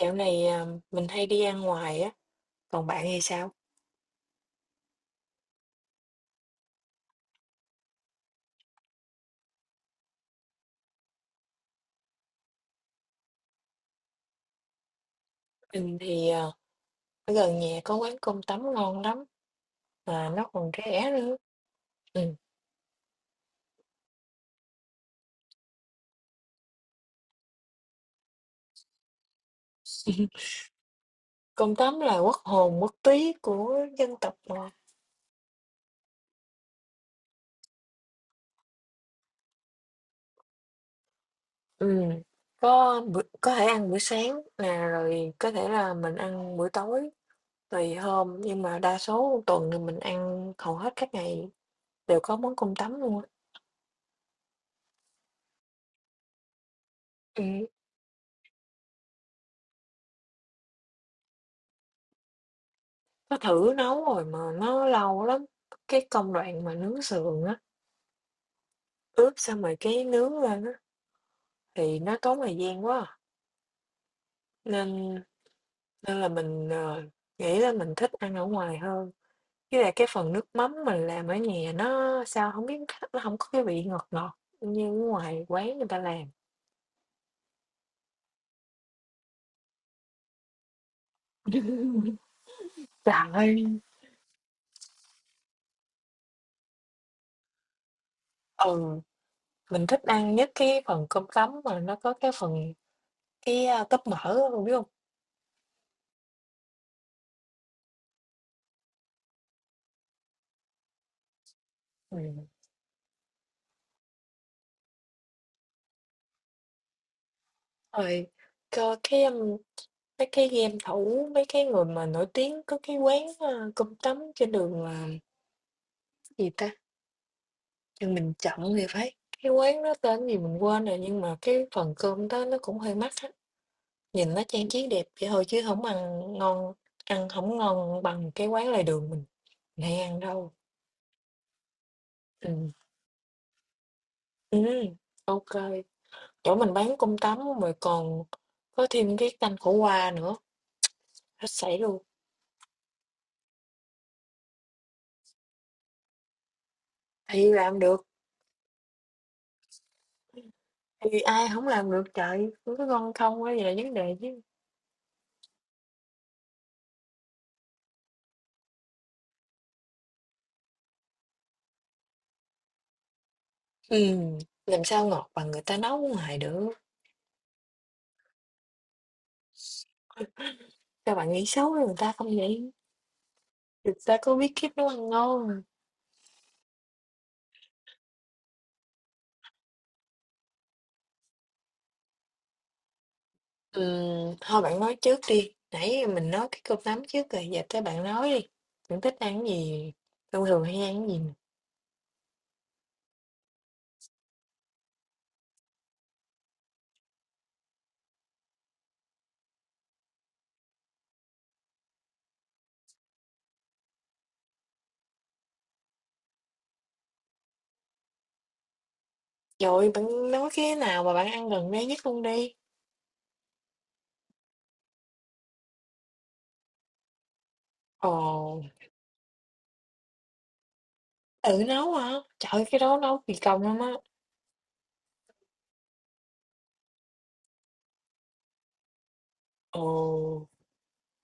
Dạo này, mình hay đi ăn ngoài á, còn bạn thì sao? Mình thì, ở gần nhà có quán cơm tấm ngon lắm, mà nó còn rẻ nữa. Ừm, cơm tấm là quốc hồn quốc túy của dân tộc mà. Ừm, có bữa có thể ăn buổi sáng nè, rồi có thể là mình ăn buổi tối, tùy hôm, nhưng mà đa số tuần thì mình ăn hầu hết các ngày đều có món cơm tấm luôn á. Ừm, nó thử nấu rồi mà nó lâu lắm, cái công đoạn mà nướng sườn á, ướp xong rồi cái nướng lên á. Thì nó tốn thời gian quá à, nên nên là mình, nghĩ là mình thích ăn ở ngoài hơn. Với lại cái phần nước mắm mình làm ở nhà nó sao không biết nó không có cái vị ngọt ngọt như ở ngoài quán người ta làm. Trời ơi, ừ, mình thích ăn nhất cái phần cơm tấm mà nó có cái phần tóp mỡ á, bạn biết không. Ừm. Rồi cho mấy cái game thủ, mấy cái người mà nổi tiếng có cái quán, cơm tấm trên đường, là gì ta? Nhưng mình chọn thì phải. Cái quán đó tên gì mình quên rồi, nhưng mà cái phần cơm đó nó cũng hơi mắc á. Nhìn nó trang trí đẹp vậy thôi chứ không ăn ngon, ăn không ngon bằng cái quán lề đường mình hay ăn đâu. Ừ, ừm, ô, chỗ mình bán cơm tấm rồi còn có thêm cái canh khổ qua nữa, hết sảy luôn. Thì làm được, thì ai không làm được trời, nó ngon không mới là vấn đề chứ. Ừm, làm sao ngọt bằng người ta nấu ngoài được. Các bạn nghĩ xấu với người ta không vậy? Thực ra có bí kíp nấu ăn ngon. Thôi bạn nói trước đi. Nãy mình nói cái cơm tấm trước rồi, giờ tới bạn nói đi. Bạn thích ăn cái gì? Thông thường hay ăn cái gì? Rồi bạn nói cái nào mà bạn ăn gần đây nhất luôn đi. Ồ, tự nấu hả? Trời ơi, cái đó nấu kỳ công lắm á. Ồ,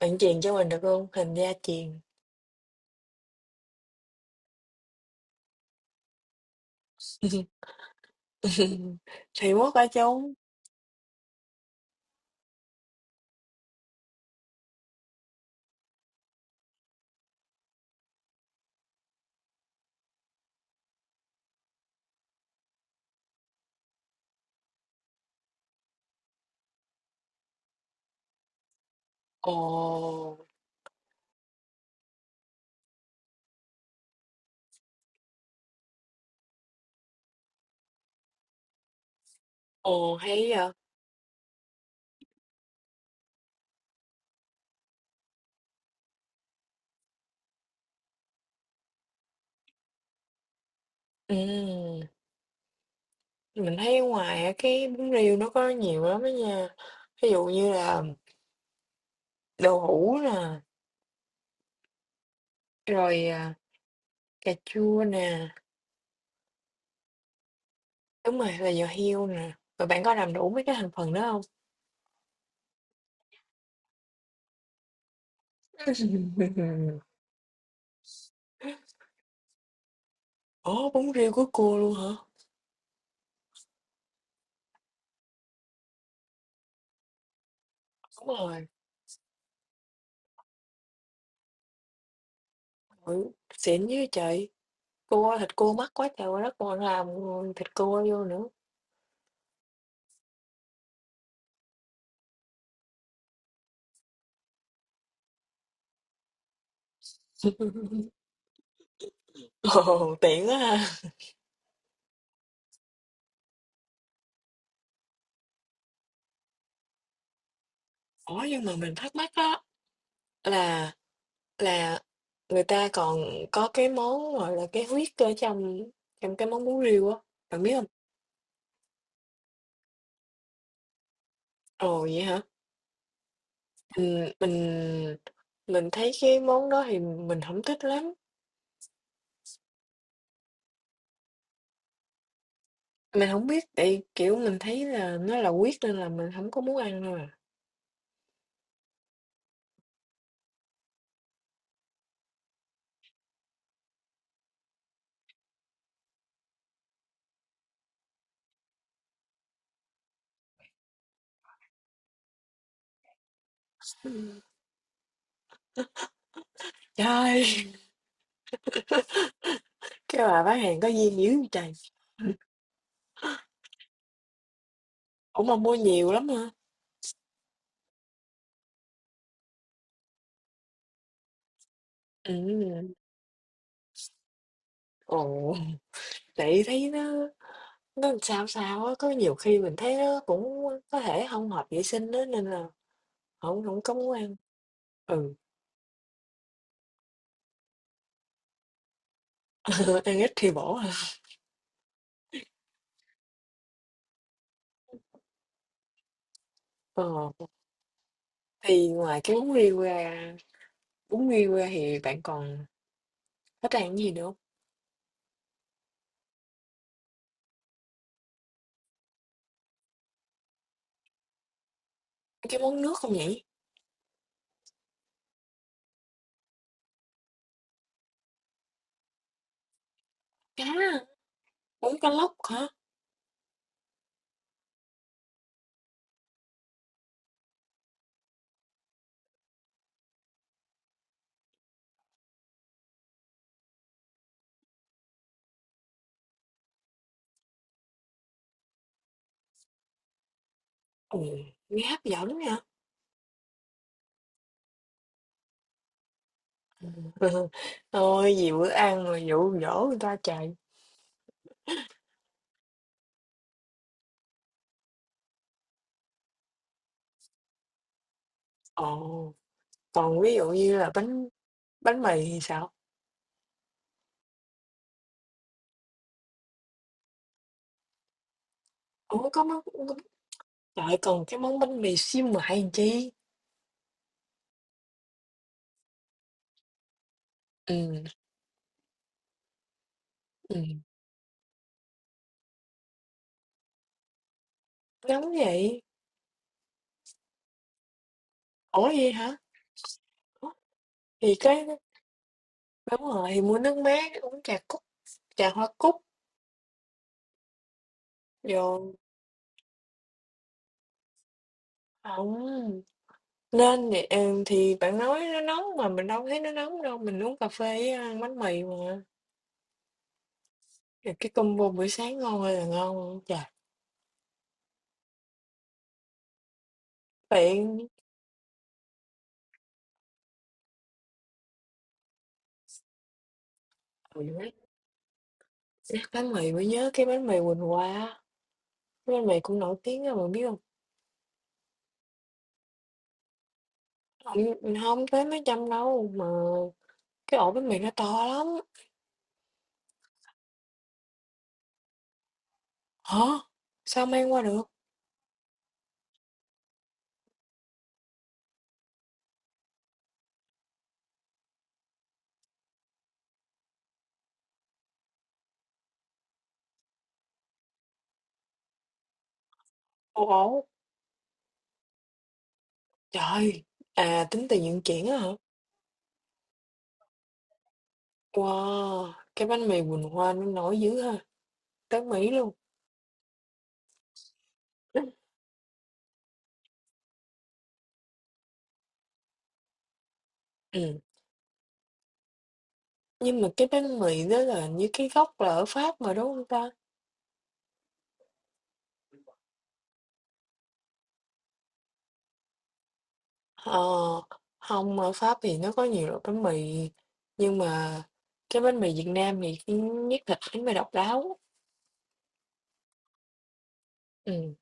bạn truyền cho mình được không? Hình gia truyền. Thì mốt ở chung. Ồ, ồ hay vậy. Ừ. Mình thấy ở ngoài á, cái bún riêu nó có nhiều lắm đó nha. Ví dụ như là đậu hũ nè, rồi, cà chua nè, đúng rồi, là giò heo nè. Rồi bạn có làm đủ mấy cái thành phần đó không? Ủa, bún riêu của cua luôn hả? Đúng rồi, ừ, xịn dữ vậy. Cua, thịt cua mắc quá trời quá đất còn làm thịt cua vô nữa. Ồ, tiện quá ha. Ủa, nhưng mà mình thắc mắc á là, Là người ta còn có cái món, gọi là, cái huyết ở trong trong cái món bún riêu á, bạn biết hông? Ồ, vậy hả? Ừm, mình thấy cái món đó thì mình hổng thích lắm, mình hổng biết tại, kiểu, mình thấy là nó là huyết nên là mình hổng có muốn ăn thôi à. Ừm. Trời ơi, cái bà bán hàng có duyên dữ vậy trời, ủa mà mua nhiều lắm hả? Ừm, ồ, tại thấy nó làm sao sao á, có nhiều khi mình thấy nó cũng có thể hông hợp vệ sinh á nên là Hổng hổng có muốn ăn. Ừ, ăn ít thì bổ hả? Ờ, thì ngoài cái bún riêu ra thì bạn còn thích ăn cái gì nữa hông? Cái món nước không nhỉ? Cá hả? Bún cá lóc hả? Ừ, nghe hấp dẫn nha. Thôi, gì bữa ăn mà dụ dỗ người ta chạy. Ồ, còn ví dụ như là bánh bánh mì thì sao? Ủa, có món trời còn cái món bánh mì xíu mại làm chi? Ừ, ừm, nóng vậy. Ủa vậy hả? Ủa, thì cái, đúng rồi, mua nước mát, uống trà cúc, trà hoa cúc, rồi không nên thì, thì bạn nói nó nóng mà mình đâu thấy nó nóng đâu, mình uống cà phê với ăn bánh mì mà, rồi cái combo buổi sáng ngon ơi là ngon luôn. Trời, bạn ừ, nhắc nhắc bánh mì mới nhớ cái bánh mì Quỳnh Hoa á, cái bánh mì cũng nổi tiếng á, bạn biết không. Không, hông tới mấy trăm đâu, mà cái ổ bánh mì nó to lắm. Hả? Sao mang qua được? Một ổ? Trời! À, tính tiền vận chuyển á hả? Wow, cái bánh mì Quỳnh Hoa nó nổi dữ ha, tới Mỹ luôn. Ừm, nhưng mà cái bánh mì đó là như cái gốc là ở Pháp mà đúng không ta? Ờ, hông, ở Pháp thì nó có nhiều loại bánh mì, nhưng mà cái bánh mì Việt Nam thì, ưm, nhất là bánh mì độc đáo. Ừm.